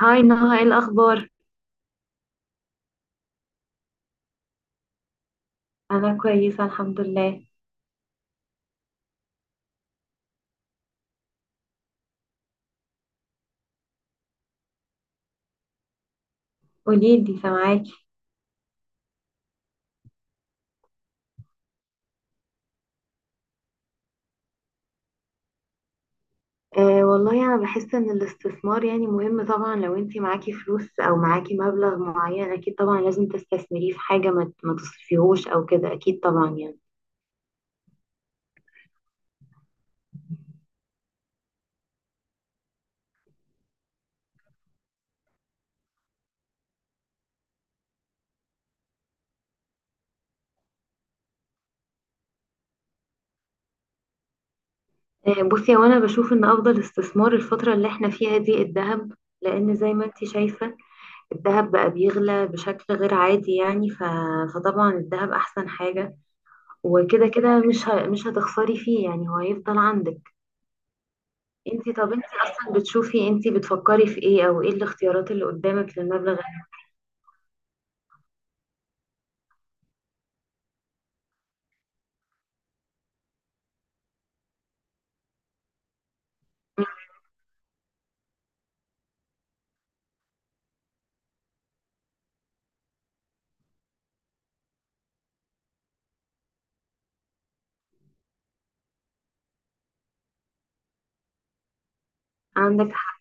هاي نهى، ايه الأخبار؟ أنا كويسة الحمد لله. قوليلي، سامعاكي. أه والله أنا بحس إن الاستثمار يعني مهم طبعا، لو انتي معاكي فلوس أو معاكي مبلغ معين أكيد طبعا لازم تستثمريه في حاجة، ما تصرفيهوش أو كده، أكيد طبعا يعني. أه بصي، وأنا بشوف إن أفضل استثمار الفترة اللي احنا فيها دي الذهب، لأن زي ما انتي شايفة الذهب بقى بيغلى بشكل غير عادي يعني. فطبعا الذهب أحسن حاجة، وكده كده مش هتخسري فيه يعني، هو هيفضل عندك. انتي، طب انتي اصلا بتشوفي، انتي بتفكري في ايه، او ايه الاختيارات اللي قدامك للمبلغ عندك حق.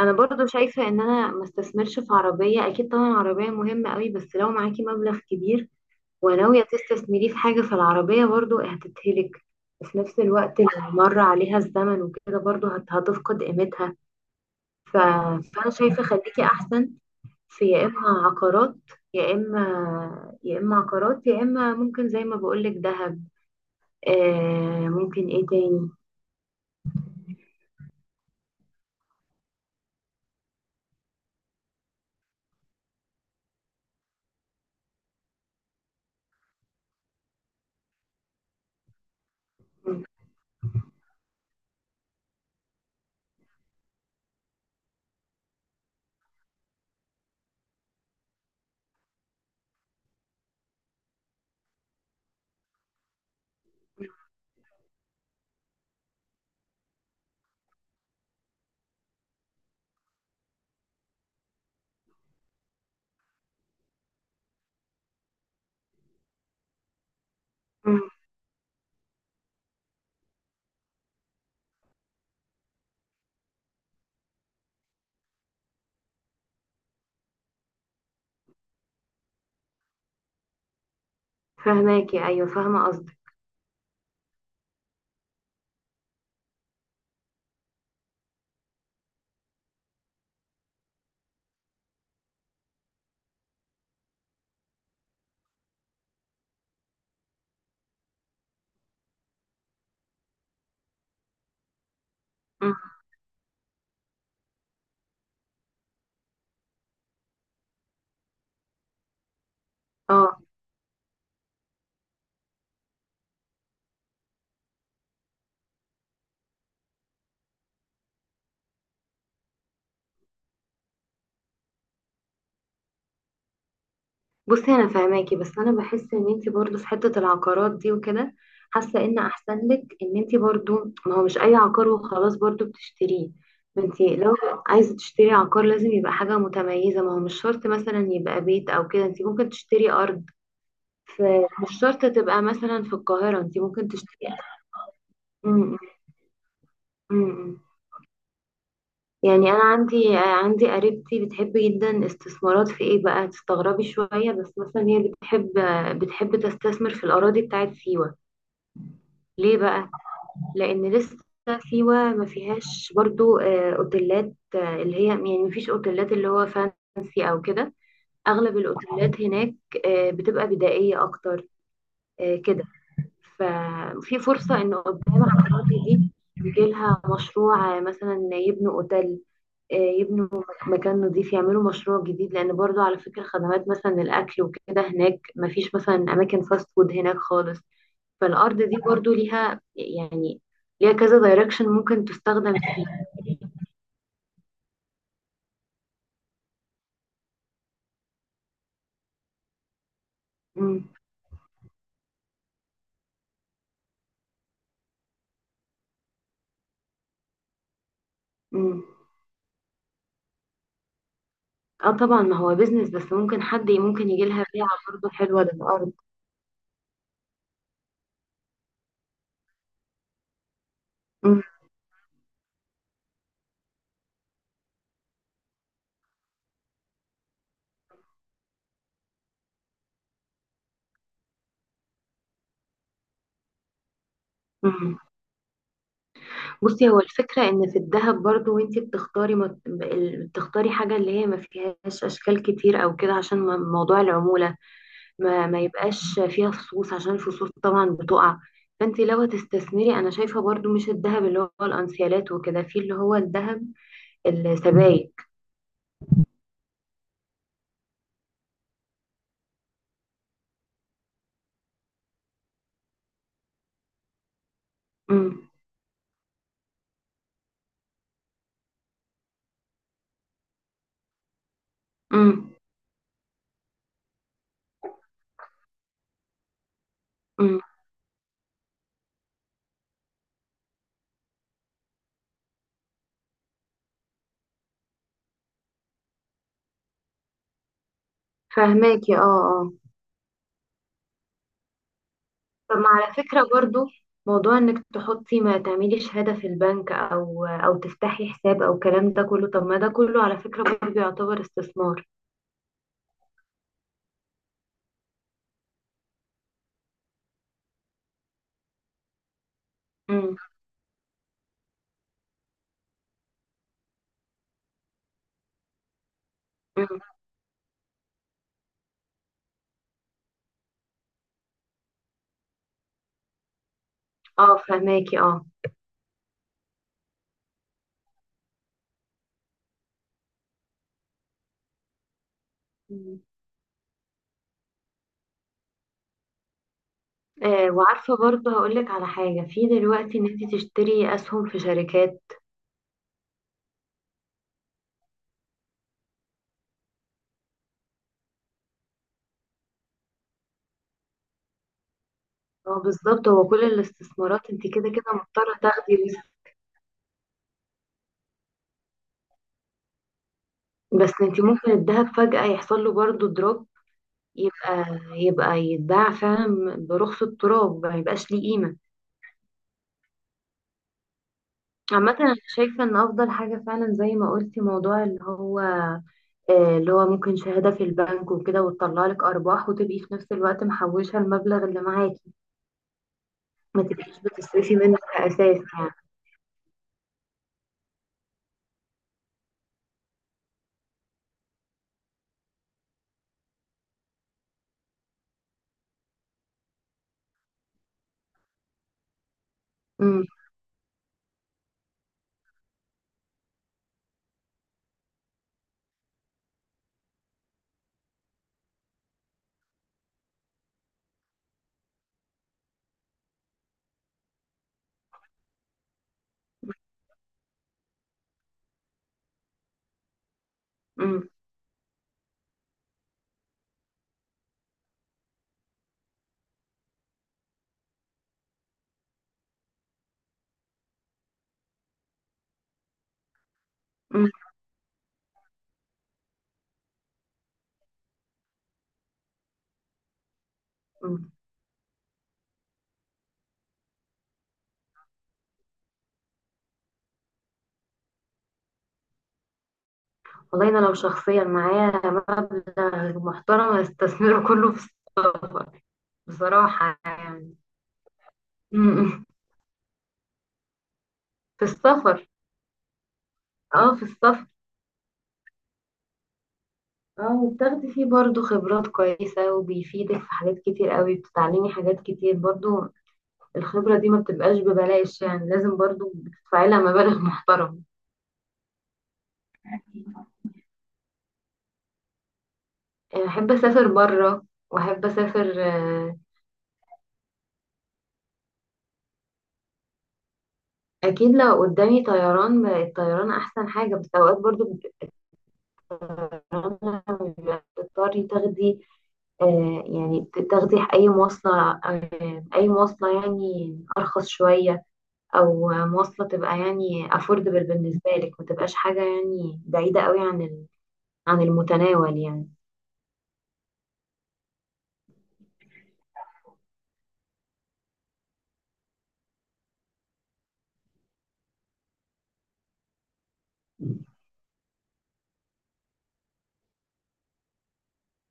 انا برضو شايفة ان انا ما استثمرش في عربية، اكيد طبعا العربية مهمة قوي، بس لو معاكي مبلغ كبير وناوية تستثمريه في حاجة فالعربية برضو هتتهلك، وفي نفس الوقت لو مر عليها الزمن وكده برضو هتفقد قيمتها. ف... فانا شايفة خليكي احسن في يا اما عقارات، يا اما عقارات، يا اما ممكن زي ما بقولك دهب. ممكن ايه تاني؟ مم. فهماكي، ايوه فاهمه قصدك. مم. اه بصي، انا فهماكي بس انا بحس ان انت برضو في حته العقارات دي وكده، حاسه ان احسن لك ان انت برضو، ما هو مش اي عقار وخلاص برضو بتشتريه. انت لو عايزه تشتري عقار لازم يبقى حاجه متميزه، ما هو مش شرط مثلا يبقى بيت او كده، انت ممكن تشتري ارض، فمش شرط تبقى مثلا في القاهره، انت ممكن تشتري. مم. مم. يعني انا عندي قريبتي بتحب جدا استثمارات في ايه بقى، تستغربي شوية، بس مثلا هي بتحب تستثمر في الاراضي بتاعت سيوة. ليه بقى؟ لان لسه سيوة ما فيهاش برضو اوتيلات، اللي هي يعني ما فيش اوتيلات اللي هو فانسي او كده، اغلب الاوتيلات هناك بتبقى بدائية اكتر، كده. ففي فرصة إن قدام العقارات دي يجيلها مشروع مثلا يبنوا أوتيل، يبنوا مكان نظيف، يعملوا مشروع جديد، لأن برضو على فكرة خدمات مثلا الأكل وكده هناك مفيش مثلا أماكن فاست فود هناك خالص. فالأرض دي برضو ليها يعني، ليها كذا دايركشن ممكن تستخدم فيه. مم. مم. اه طبعا ما هو بيزنس، بس ممكن حد ممكن يجيلها بيعة برضو حلوة للأرض. مم. مم. بصي، هو الفكرة ان في الذهب برضو، وانتي بتختاري حاجة اللي هي ما فيهاش اشكال كتير او كده، عشان موضوع العمولة، ما يبقاش فيها فصوص، عشان الفصوص طبعا بتقع. فانتي لو هتستثمري انا شايفة برضو مش الذهب اللي هو الانسيالات وكده، في اللي هو الذهب السبائك. امم. امم. امم. فهماكي اه، آه. طب ما على فكرة برضو، موضوع انك تحطي، ما تعملي شهادة في البنك او تفتحي حساب او الكلام ده كله، طب ما ده كله على فكرة برضو يعتبر استثمار. امم. أمم. اه فهماكي اه. مم. وعارفة برضو هقولك على حاجة في دلوقتي، ان انت تشتري اسهم في شركات. هو بالظبط، هو كل الاستثمارات انت كده كده مضطرة تاخدي ريسك، بس انت ممكن الذهب فجأة يحصل له برضو دروب، يبقى يبقى يتباع فعلا برخص التراب، ما يبقاش ليه قيمة. عامة أنا شايفة إن أفضل حاجة فعلا زي ما قلتي موضوع اللي هو، اللي هو ممكن شهادة في البنك وكده وتطلع لك أرباح، وتبقي في نفس الوقت محوشة المبلغ اللي معاكي، ما تبقيش بتصرفي منه أساس يعني. أمم، أمم، أمم، أمم. والله أنا لو شخصيا معايا مبلغ محترم هستثمره كله في السفر، بصراحة يعني. أمم، أمم. في السفر. اه، في السفر. اه وبتاخدي فيه برضو خبرات كويسة، وبيفيدك في حاجات كتير قوي، بتتعلمي حاجات كتير برضو. الخبرة دي ما بتبقاش ببلاش يعني، لازم برضو بتدفعي لها مبالغ محترمة. احب اسافر بره، واحب اسافر. اكيد لو قدامي طيران، الطيران احسن حاجه، بس اوقات برضو بيبقى الطيران لما بتضطري تاخدي، يعني تاخدي اي مواصله، اي مواصله يعني ارخص شويه، او مواصلة تبقى يعني affordable بالنسبة لك، ما تبقاش حاجة يعني بعيدة قوي عن عن المتناول يعني.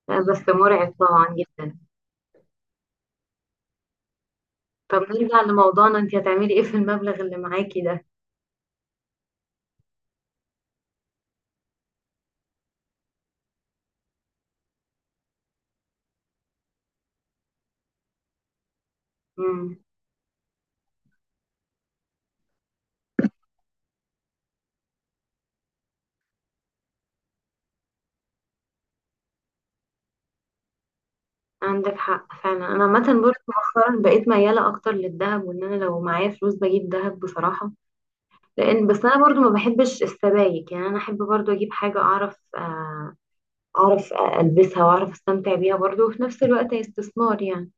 لا، بس مرعب طبعا جدا. طب نرجع لموضوعنا، انت هتعملي ايه في المبلغ اللي معاكي ده؟ امم. عندك حق فعلا، انا عامة برضه مؤخرا بقيت ميالة اكتر للذهب، وان انا لو معايا فلوس بجيب ذهب بصراحة، لان بس انا برضه ما بحبش السبائك يعني، انا احب برضه اجيب حاجة اعرف، اعرف البسها واعرف استمتع بيها برضه، وفي نفس الوقت هي استثمار يعني.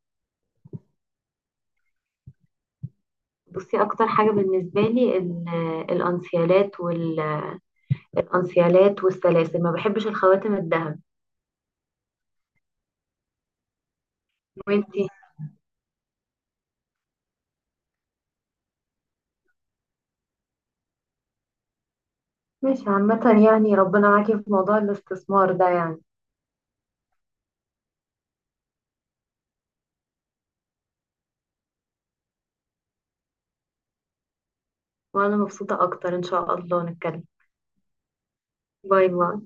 بصي اكتر حاجه بالنسبه لي الانسيالات والسلاسل، ما بحبش الخواتم الذهب. وانتي؟ ماشي، عامة يعني ربنا معاكي في موضوع الاستثمار ده يعني. وانا مبسوطه اكتر، ان شاء الله نتكلم. باي باي.